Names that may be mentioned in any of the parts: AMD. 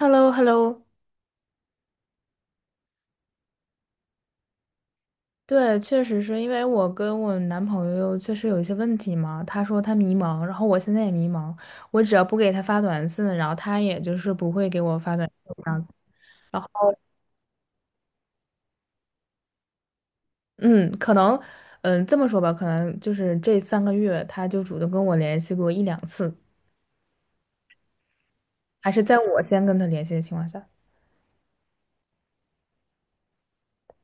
h e l l o h e l l o 对，确实是因为我跟我男朋友确实有一些问题嘛。他说他迷茫，然后我现在也迷茫。我只要不给他发短信，然后他也就是不会给我发短信这样子。然后，嗯，可能，这么说吧，可能就是这3个月他就主动跟我联系过一两次，还是在我先跟他联系的情况下，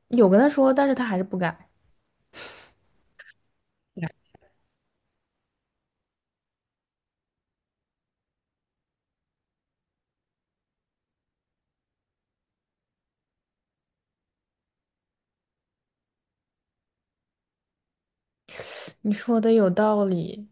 有跟他说，但是他还是不改。你说的有道理，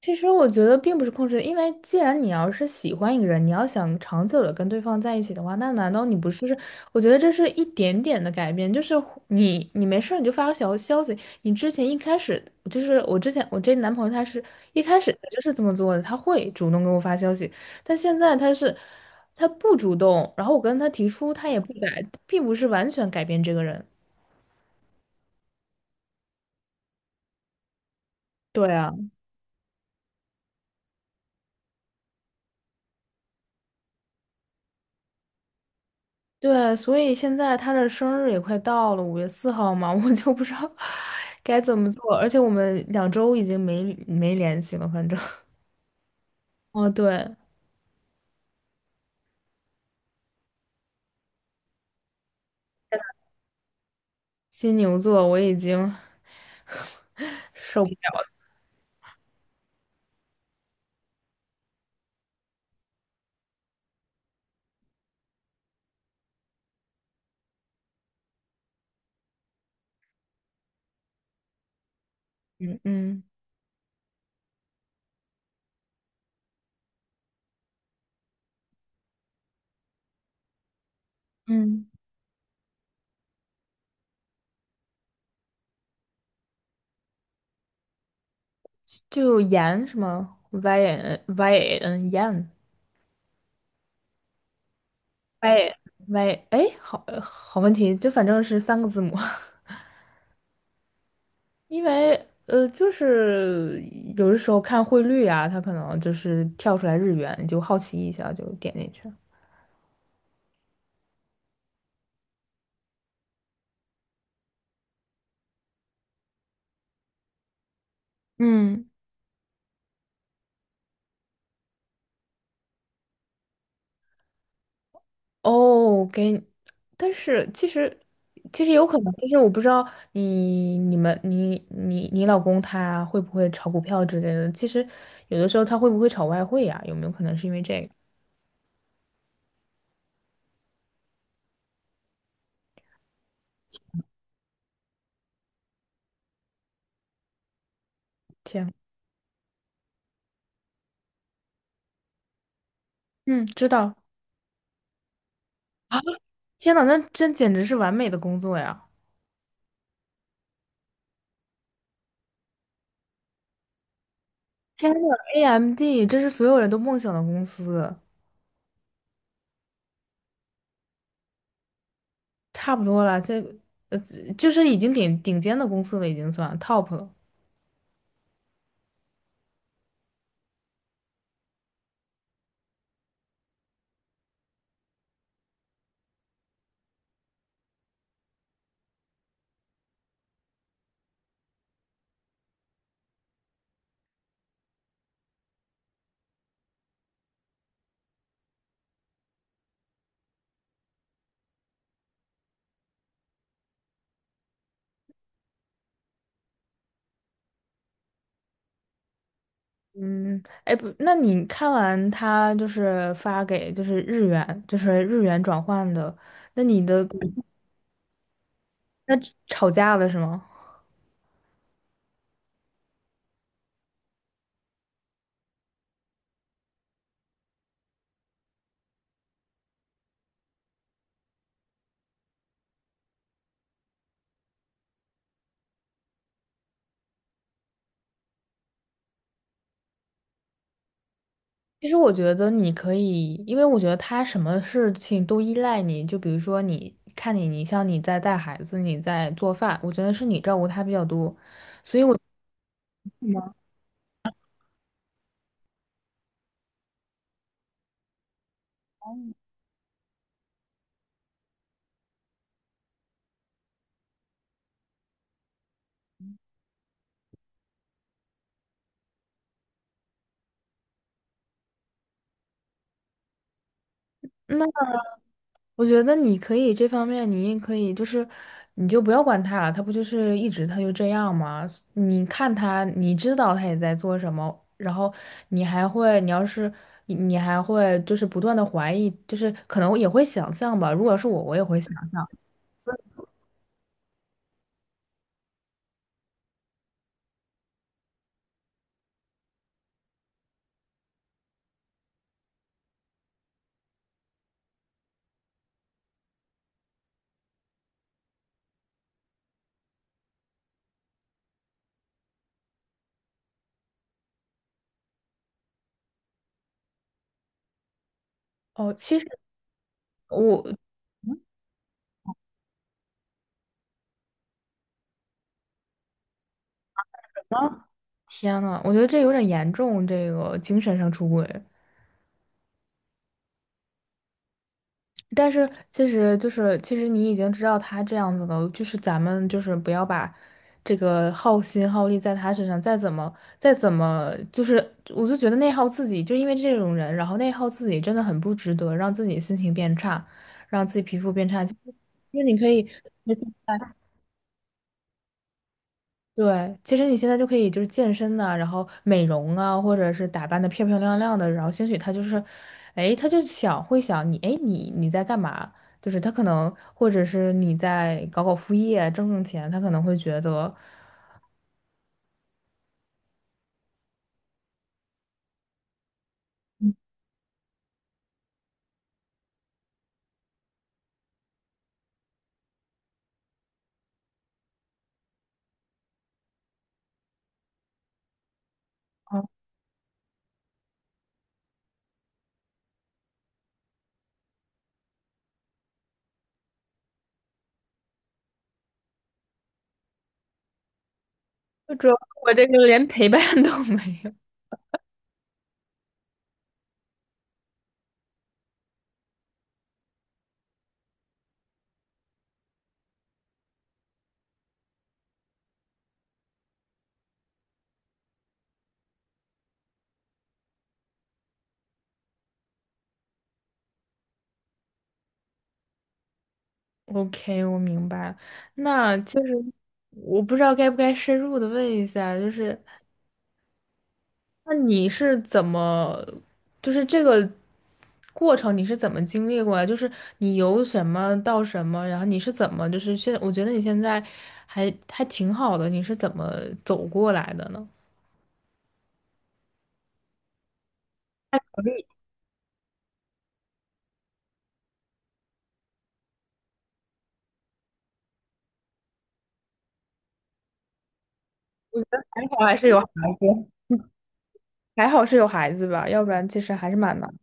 其实我觉得并不是控制，因为既然你要是喜欢一个人，你要想长久的跟对方在一起的话，那难道你不是？我觉得这是一点点的改变，就是你没事儿你就发个小消息，你之前一开始就是我之前我这男朋友他是一开始就是这么做的，他会主动给我发消息，但现在他不主动，然后我跟他提出他也不改，并不是完全改变这个人。对啊。对，所以现在他的生日也快到了，5月4号嘛，我就不知道该怎么做。而且我们2周已经没联系了，反正。哦，对，金牛座我已经受不了。嗯嗯嗯，就盐什么 y n y n 盐 y y 哎，好好问题，就反正是3个字母。因为就是有的时候看汇率啊，它可能就是跳出来日元，你就好奇一下就点进去了。嗯，哦，给，但是其实有可能，就是我不知道你你们你你你老公他会不会炒股票之类的，其实有的时候他会不会炒外汇呀、有没有可能是因为这个？天，嗯，知道。天呐，那真简直是完美的工作呀！天呐，AMD，这是所有人都梦想的公司，差不多了，这呃就是已经顶顶尖的公司了，已经算 top 了。嗯，哎不，那你看完他就是发给就是日元，就是日元转换的，那你的那吵架了是吗？其实我觉得你可以，因为我觉得他什么事情都依赖你，就比如说你看你，你像你在带孩子，你在做饭，我觉得是你照顾他比较多。那。我觉得你可以这方面，你也可以，就是你就不要管他了，他不就是一直他就这样吗？你看他，你知道他也在做什么，然后你还会，你还会就是不断的怀疑，就是可能也会想象吧。如果是我，我也会想象。哦，其实我啊，天呐，我觉得这有点严重，这个精神上出轨。但是其实就是，其实你已经知道他这样子了，就是咱们就是不要把这个耗心耗力在他身上，再怎么，就是我就觉得内耗自己，就因为这种人，然后内耗自己真的很不值得，让自己心情变差，让自己皮肤变差。就是你可以，对，其实你现在就可以就是健身呐、然后美容啊，或者是打扮的漂漂亮亮的，然后兴许他就是，哎，他就想会想你，哎，你在干嘛？就是他可能，或者是你在搞搞副业挣挣钱，他可能会觉得，啊，就主要我这个连陪伴都没有。OK，我明白了。那就是我不知道该不该深入的问一下，就是那你是怎么，就是这个过程你是怎么经历过来？就是你由什么到什么，然后你是怎么，就是现，我觉得你现在还挺好的，你是怎么走过来的呢？还好还是有孩子。还好是有孩子吧，要不然其实还是蛮难的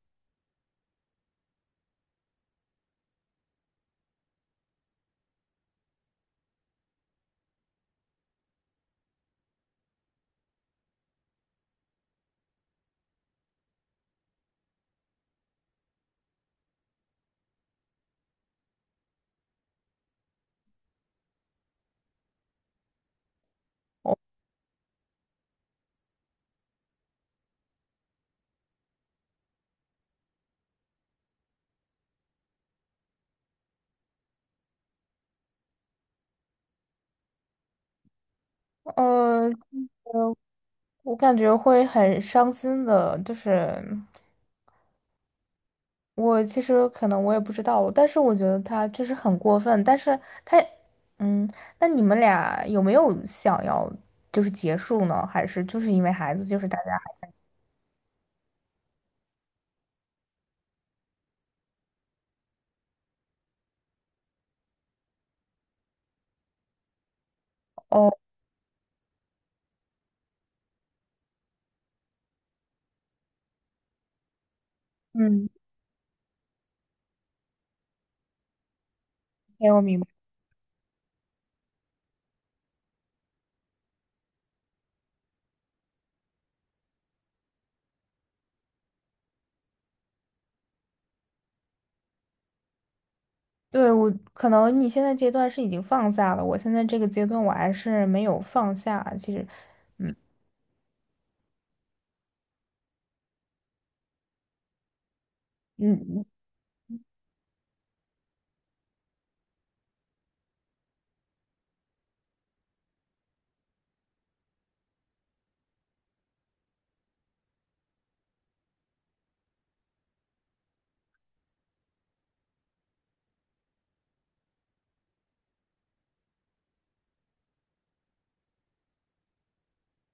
呃，我感觉会很伤心的，就是。我其实可能我也不知道，但是我觉得他就是很过分。但是他，嗯，那你们俩有没有想要就是结束呢？还是就是因为孩子，就是大家哦，嗯，哎，我明白。对，我可能你现在阶段是已经放下了，我现在这个阶段我还是没有放下。其实，嗯嗯嗯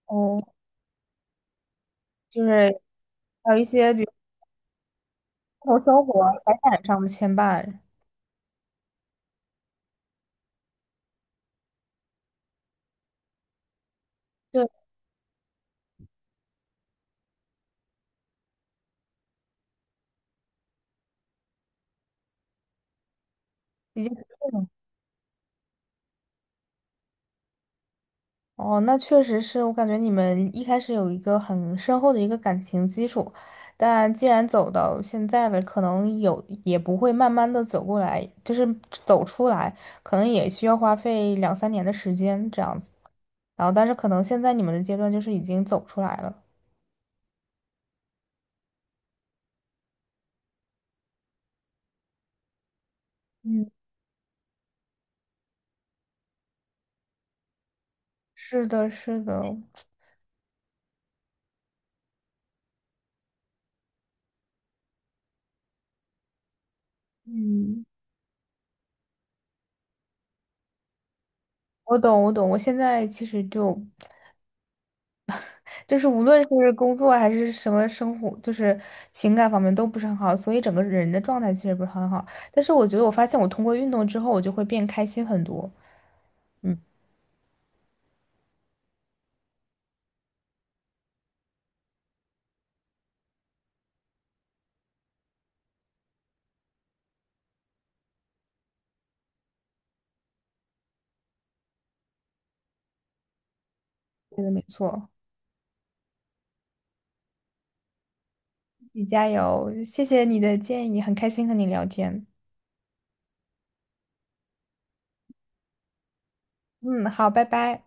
哦，就是还有一些比如生活财产上的牵绊，对，已经。哦，那确实是我感觉你们一开始有一个很深厚的一个感情基础，但既然走到现在了，可能有也不会慢慢的走过来，就是走出来，可能也需要花费两三年的时间这样子。然后，但是可能现在你们的阶段就是已经走出来了。嗯，是的，是的，嗯，我懂，我懂。我现在其实就是无论是工作还是什么生活，就是情感方面都不是很好，所以整个人的状态其实不是很好。但是我觉得我发现我通过运动之后，我就会变开心很多。嗯，对的，没错，自己加油，谢谢你的建议，很开心和你聊天。嗯，好，拜拜。